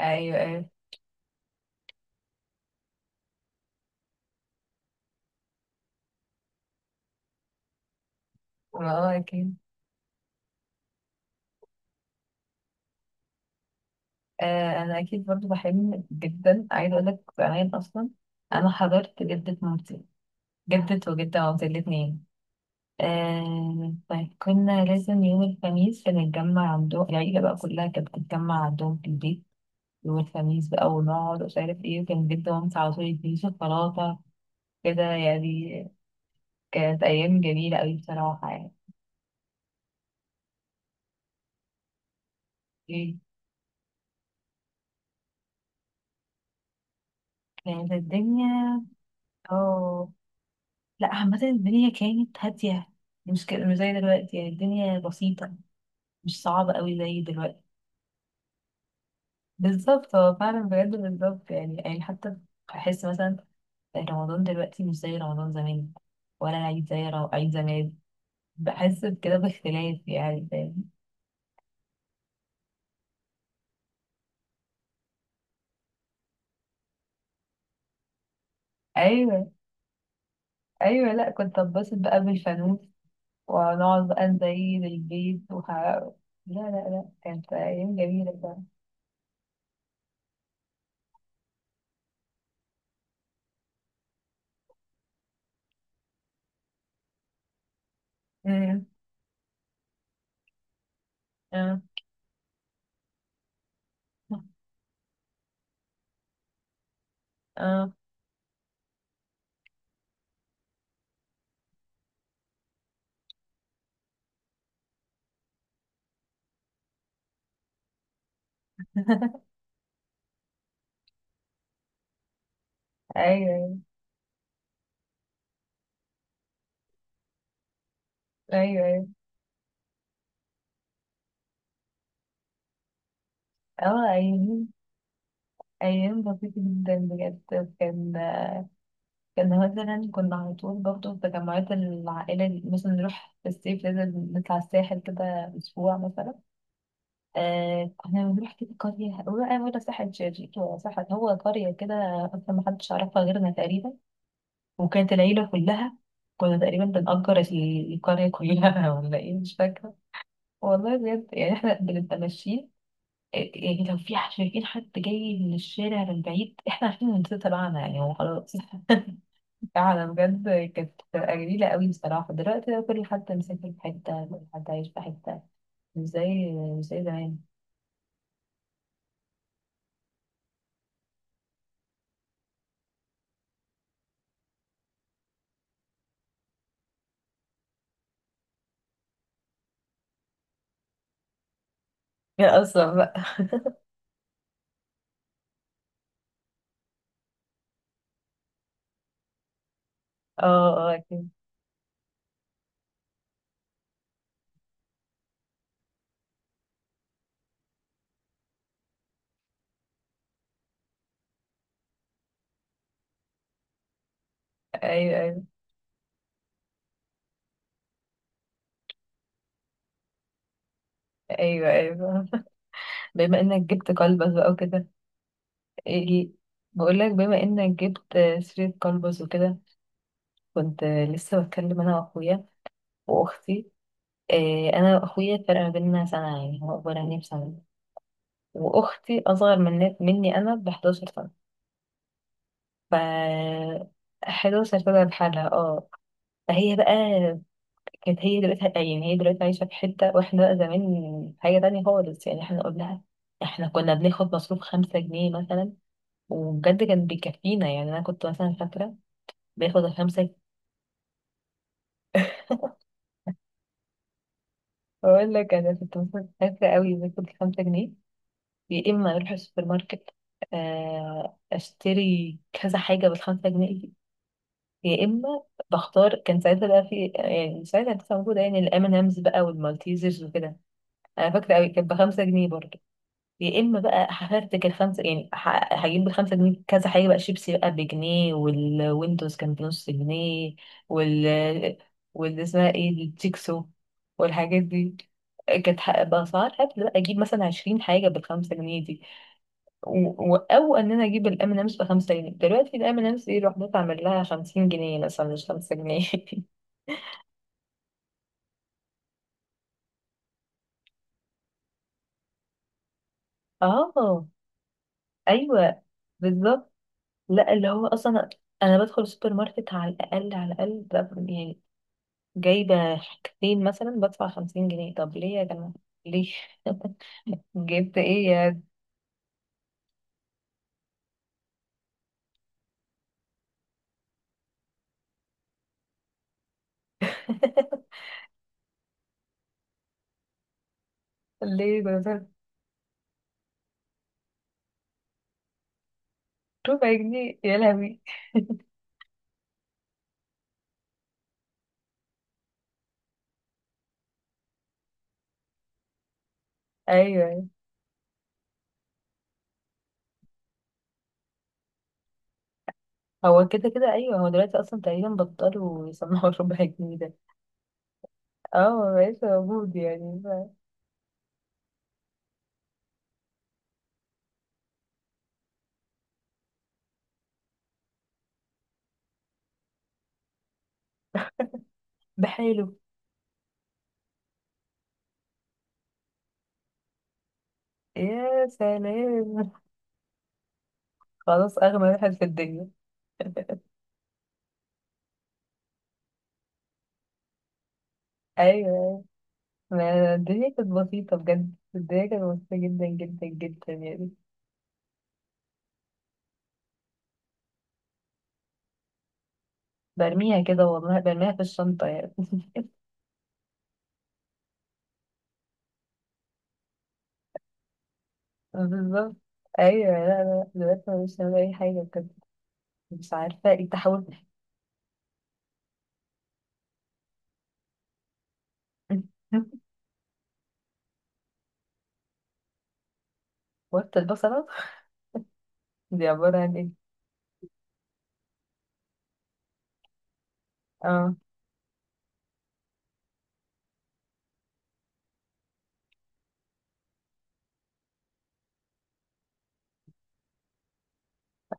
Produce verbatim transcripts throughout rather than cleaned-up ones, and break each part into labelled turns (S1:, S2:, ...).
S1: ايوه ايوه، اه اكيد. آه، انا اكيد برضو بحلم جدا، عايزه اقول لك زمان اصلا. انا حضرت جده مامتي، جده وجده مامتي الاثنين. آه، طيب كنا لازم يوم الخميس بنتجمع عندهم، العيله بقى كلها كانت بتتجمع عندهم في البيت يوم الخميس بقى، ونقعد ومش عارف ايه، وكان جده مامتي على طول يديني شوكولاته، كده يعني. كانت ايام جميله قوي بصراحه يعني. إيه، كانت الدنيا. اه، لا عامة الدنيا كانت هادية، مش ك... مش زي دلوقتي، يعني الدنيا بسيطة، مش صعبة قوي زي دلوقتي. بالظبط، هو فعلا بجد بالظبط، يعني يعني حتى بحس مثلا رمضان دلوقتي مش زي رمضان زمان، ولا العيد زي رو... عيد زمان. بحس بكده باختلاف يعني، فاهم؟ ايوه ايوه، لا كنت اتبسط بقى بالفانوس، ونقعد بقى نزين البيت وح... لا. لا لا كانت أيام جميلة بقى. امم. اه اه. ايوه ايوه ايوه. اه ايام ايام بسيطة جدا بجد. كان كان مثلا كنا على طول برضه في تجمعات العائلة، مثلا نروح في الصيف لازم نطلع الساحل كده اسبوع مثلا. آه، كنا بنروح كده قرية، ولا ولا ساحل شرير، ولا ساحل هو قرية كده، اصلا محدش يعرفها غيرنا تقريبا، وكانت العيلة كلها كنا تقريبا بنأجر القرية كلها. ولا ايه، مش فاكرة. والله بجد يعني، احنا بنبقى ماشيين، يعني لو في ح- شايفين حد جاي من الشارع من بعيد، احنا عارفين ان ده تبعنا، يعني هو خلاص. فعلا بجد، كانت بتبقى جميلة قوي بصراحة. دلوقتي بقى كل حد مسافر في حتة، كل حد عايش في حتة، مش زي مش زي زمان. يا اصلا بقى. اه اه اكيد. ايوه ايوه. ايوه ايوه. بما انك جبت كلبس بقى وكده. ايه، إيه، بقول لك بما انك جبت سيرة كلبس وكده. كنت لسه بتكلم انا واخويا واختي. إيه، انا واخويا الفرق ما بيننا سنة، يعني هو اكبر عني بسنة. واختي اصغر من مني انا ب حداشر سنة سنه. ف حداشر سنة سنه بحالها، اه. فهي بقى كانت، هي دلوقتي يعني هي دلوقتي عايشه في حته، واحنا بقى زمان حاجه تانية خالص. يعني احنا قلنا لها، احنا كنا بناخد مصروف خمسة جنيه مثلا، وبجد كان بيكفينا. يعني انا كنت مثلا فاكره باخد الخمسة، بقول لك انا كنت مثلا فاكره قوي، باخد الخمسة جنيه. يا اما اروح السوبر ماركت، آه، اشتري كذا حاجه بالخمسة جنيه، يا اما بختار، كان ساعتها بقى في، يعني ساعتها كانت موجوده يعني الام ان امز بقى، والمالتيزرز وكده، انا فاكره قوي كانت بخمسة جنيه برضه. يا اما بقى هفرتك الخمسه، يعني ه- هجيب بالخمسة جنيه كذا حاجه بقى، شيبسي بقى بجنيه، والويندوز كان بنص جنيه، وال واللي اسمها ايه دي، التيكسو والحاجات دي، كانت ح- بأسعار هبل بقى، أجيب مثلا عشرين حاجة بالخمسة جنيه. و- او ان انا اجيب الام امس ب خمسة جنيه، دلوقتي الام امس دي لوحدها تعمل لها خمسين جنيه مثلا، مش خمسة جنيه. اه ايوه بالظبط. لا اللي هو اصلا، انا بدخل السوبر ماركت على الاقل على الاقل، ب- يعني جايبه حاجتين مثلا بدفع خمسين جنيه، طب ليه يا جماعه، ليه؟ جبت ايه يا... ليه ده؟ ربع جنيه يا لهوي. ايوه، أيوة. هو كده كده، ايوه، هو دلوقتي اصلا تقريبا بطلوا يسمعوا ربع جنيه ده. اه مبقاش موجود يعني، ف- بحاله. يا سلام، خلاص اغنى واحد في الدنيا. ايوه، ما الدنيا كانت بسيطة بجد، الدنيا كانت بسيطة جدا جدا جدا يعني. برميها كده، والله برميها في الشنطة يعني. بالظبط. ايوه، لا لا دلوقتي أنا مش هعمل اي حاجة بجد، مش عارفة ايه التحول. وقت البصلة، دي عبارة عن ايه؟ اه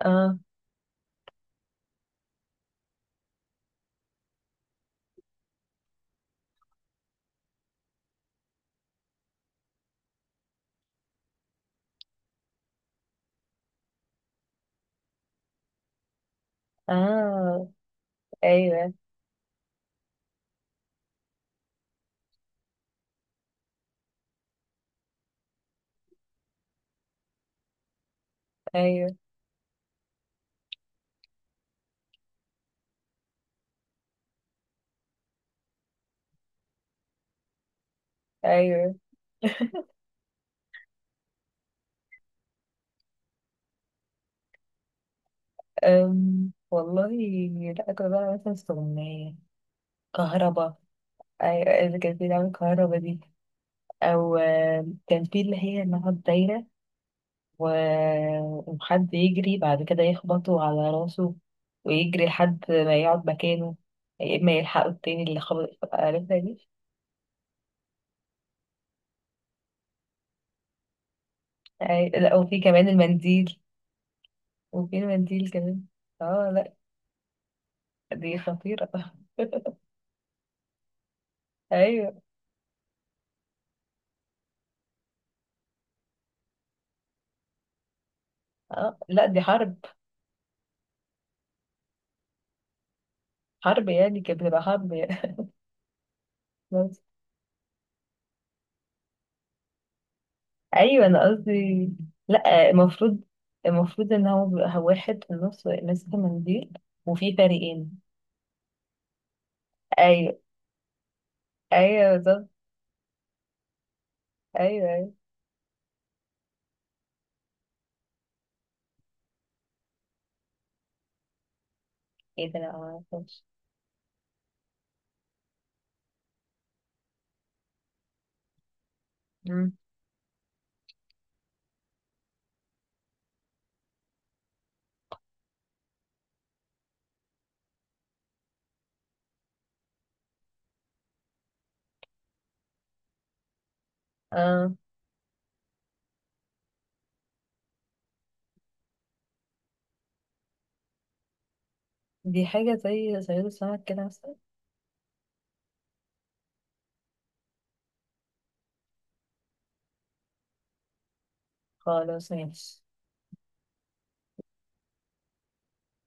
S1: اه اه. ايوه ايوه ايوه. أم والله، لا كنت بقى مثلا استغنية كهربا. أي- إذا كان في دعوة كهربا دي، أو أم، كان في اللي هي إنها دايرة، و- وحد يجري بعد كده يخبطه على راسه، ويجري لحد ما يقعد مكانه، ما يلحقه التاني اللي خبط، عرفتها دي؟ أي- لا، وفي كمان المنديل، وفي المنديل كمان، اه. لا دي خطيرة. ايوه. اه لا دي حرب، حرب يعني كانت بتبقى حرب يعني. ايوه انا قصدي لا، المفروض، المفروض ان هو بيبقى واحد في النص ماسك المنديل وفي فريقين. ايوه ايوه بالظبط. ايوه ايوه. ايه ده، لا ما اعرفش. اه، دي حاجه زي صياد السمك كده مثلا. خلاص، ماشي.